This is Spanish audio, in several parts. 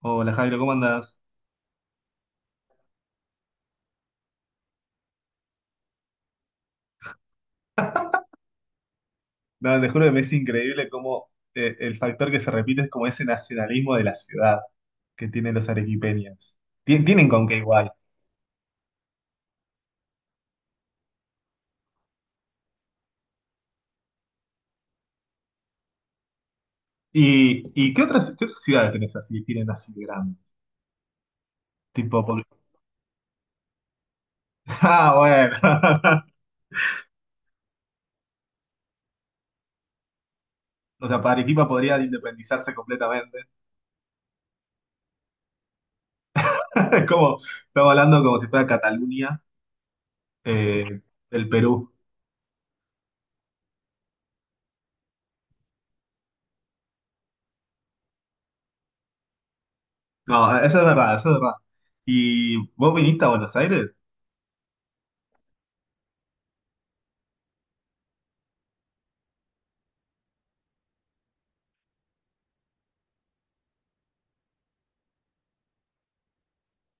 Hola Jairo, ¿cómo andás? No, te juro que me es increíble cómo el factor que se repite es como ese nacionalismo de la ciudad que tienen los arequipeños. Tienen con qué igual. ¿Y qué otras ciudades tenés así, tienen así grandes? Tipo, ah, bueno. O sea, para Arequipa podría independizarse completamente. Es como, estamos hablando como si fuera Cataluña, eh, el Perú. No, eso es verdad, eso es verdad. ¿Y vos viniste a Buenos Aires?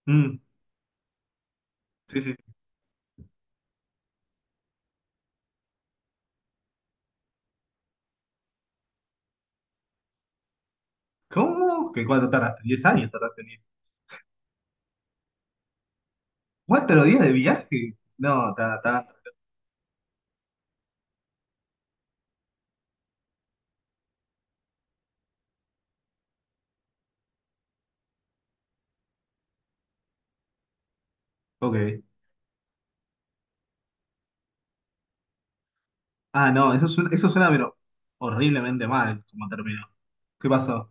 Mm, sí, sí. ¿Cómo? ¿Que cuánto tardaste? Diez años tardaste en ir? ¿4 días de viaje? No, está, está. Ok. Ah, no, eso suena, pero horriblemente mal como terminó. ¿Qué pasó?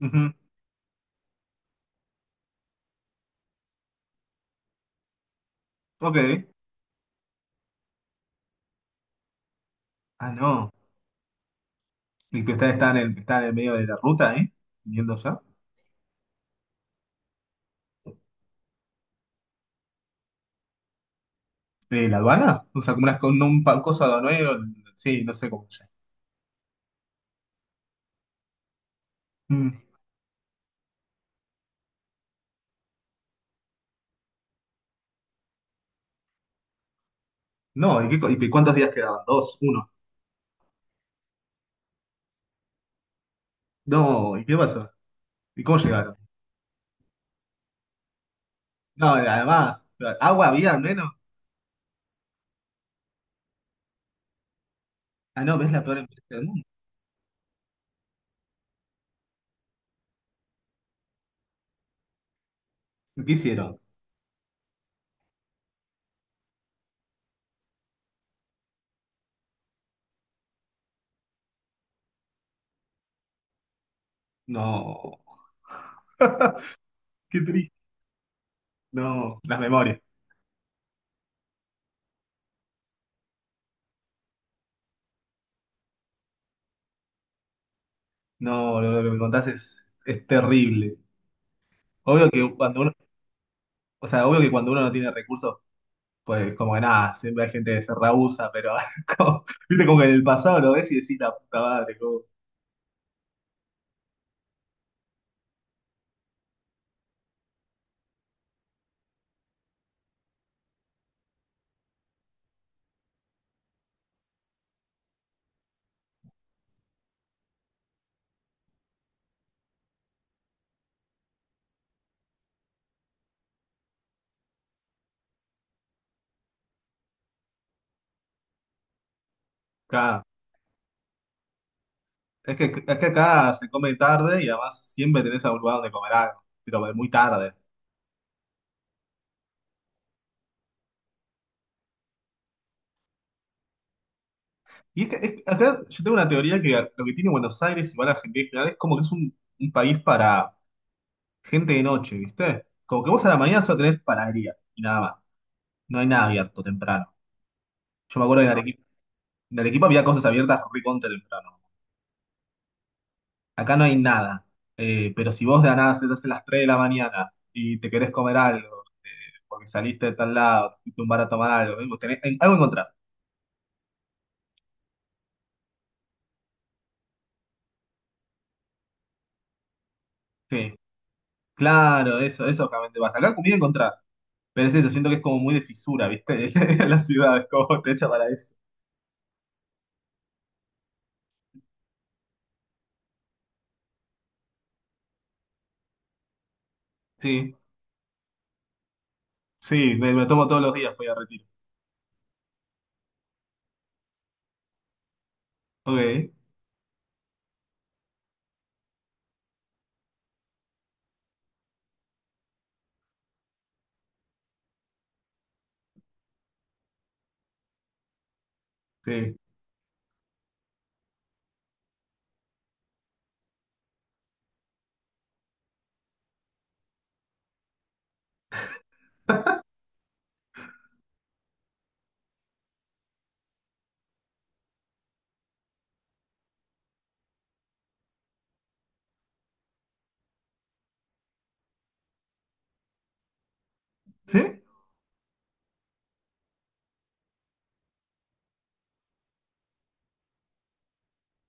Ujú. Ok. Ah, no. ¿Y que ustedes están está en el medio de la ruta? Viniendo ya. ¿De la aduana? O sea, como una, con un cosa aduanero. Sí, no sé cómo se llama. Mm. No, y cuántos días quedaban? ¿Dos? ¿Uno? No, ¿y qué pasó? ¿Y cómo llegaron? No, además, ¿agua había al menos? Ah, no, ves la peor empresa del mundo. ¿Qué hicieron? No, qué triste. No, las memorias. No, lo que me contás es terrible. Obvio que cuando uno, o sea, obvio que cuando uno no tiene recursos, pues como que nada, siempre hay gente que se rehúsa, pero viste como que en el pasado lo ves y decís la puta madre, como, acá. Es que acá se come tarde y además siempre tenés algún lugar donde comer algo, pero muy tarde. Y es que acá yo tengo una teoría que lo que tiene Buenos Aires, igual Argentina en general, es como que es un país para gente de noche, ¿viste? Como que vos a la mañana solo tenés panadería y nada más. No hay nada abierto temprano. Yo me acuerdo que en no, Arequipa, en Arequipa había cosas abiertas recontra temprano. Acá no hay nada. Pero si vos de la nada se te hace las 3 de la mañana y te querés comer algo, porque saliste de tal lado, te fuiste a un bar a tomar algo, vos algo encontrás. Sí, claro, eso obviamente vas. Acá comida encontrás. Pero es eso, siento que es como muy de fisura, ¿viste? La ciudad es como te echa para eso. Sí, sí, me tomo todos los días, voy a Retiro. Ok, sí. ¿Sí?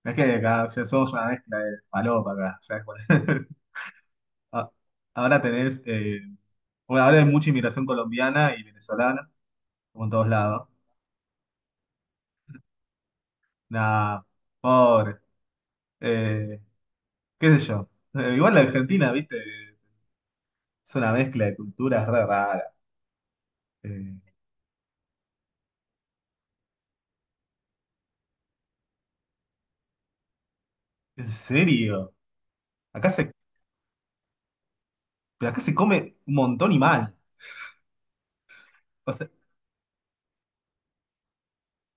Es que acá ya somos una mezcla de palopa acá. Ya es ah, Ahora tenés, eh, bueno, ahora hay mucha inmigración colombiana y venezolana, como en todos lados. Nada, pobre. Eh, Qué sé yo. Igual la Argentina, viste, es una mezcla de culturas re rara. Eh, ¿En serio? Acá se, pero acá se come un montón y mal. O sea,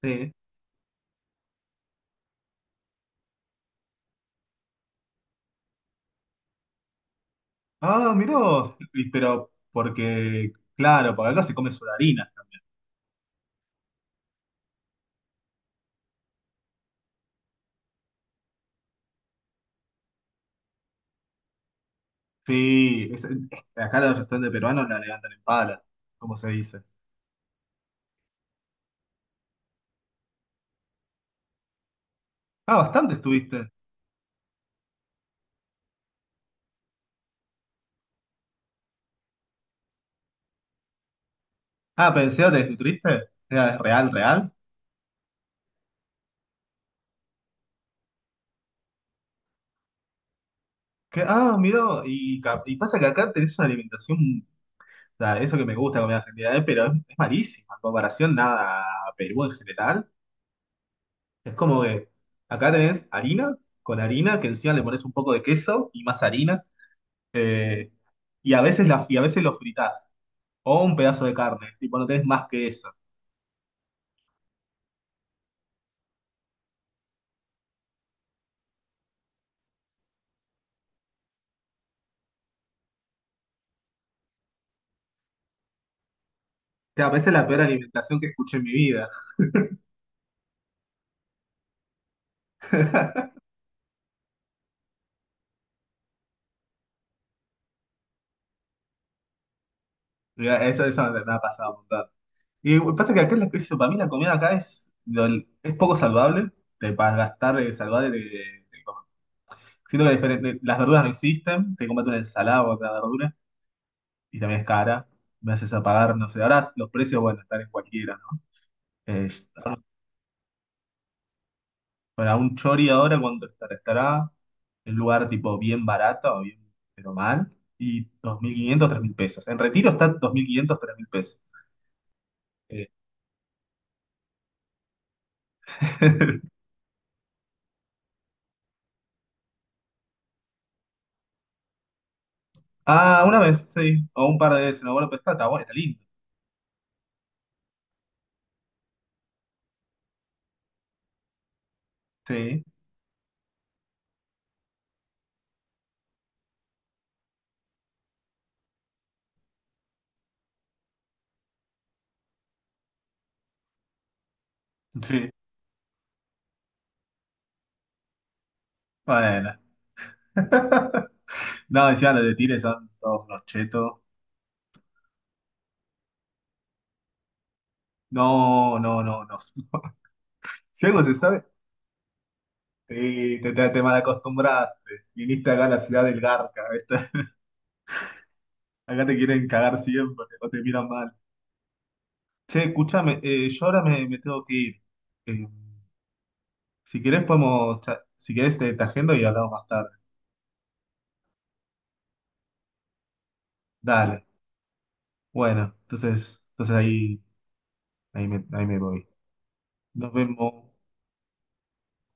sí. Ah, mirá vos. Pero claro, porque acá se come solarina. Sí, acá los restaurantes peruanos la levantan en pala, como se dice. Ah, bastante estuviste. Ah, pensé, ¿te desnutriste? Era Es real, real. Que, ah, mirá, y pasa que acá tenés una alimentación, o sea, eso que me gusta comer argentina, pero es malísima en comparación nada a Perú en general. Es como que acá tenés harina, con harina, que encima le pones un poco de queso y más harina, eh, y a veces y a veces lo fritás, o un pedazo de carne, tipo no tenés más que eso. Te veces la peor alimentación que escuché en mi vida. Mirá, eso me ha pasado un montón. Y pasa que acá, eso, para mí la comida acá es poco saludable, te para gastar de saludable. Te comes. Siento que las verduras no existen, te comes una ensalada o otra verdura y también es cara. Me haces apagar, no sé, ahora los precios, bueno, están en cualquiera, ¿no? Eh, para un chori ahora, ¿cuánto estará? Estará en un lugar tipo bien barato, o bien, pero mal, y 2.500, 3.000 pesos. En Retiro está 2.500 3.000 pesos. Ah, una vez, sí. O un par de veces, no, bueno, pero está bueno, está lindo. Sí, sí. Bueno. No, decía los de Tigre son todos unos chetos. No, no, no, no. Si algo se sabe, sí, te malacostumbraste. Viniste acá a la ciudad del Garca, ¿viste? Acá te quieren cagar siempre, o te miran mal. Che, escúchame, yo ahora me tengo que ir. Eh, si querés podemos, si querés, te agendo y hablamos más tarde. Dale. Bueno, entonces ahí me voy. Nos vemos.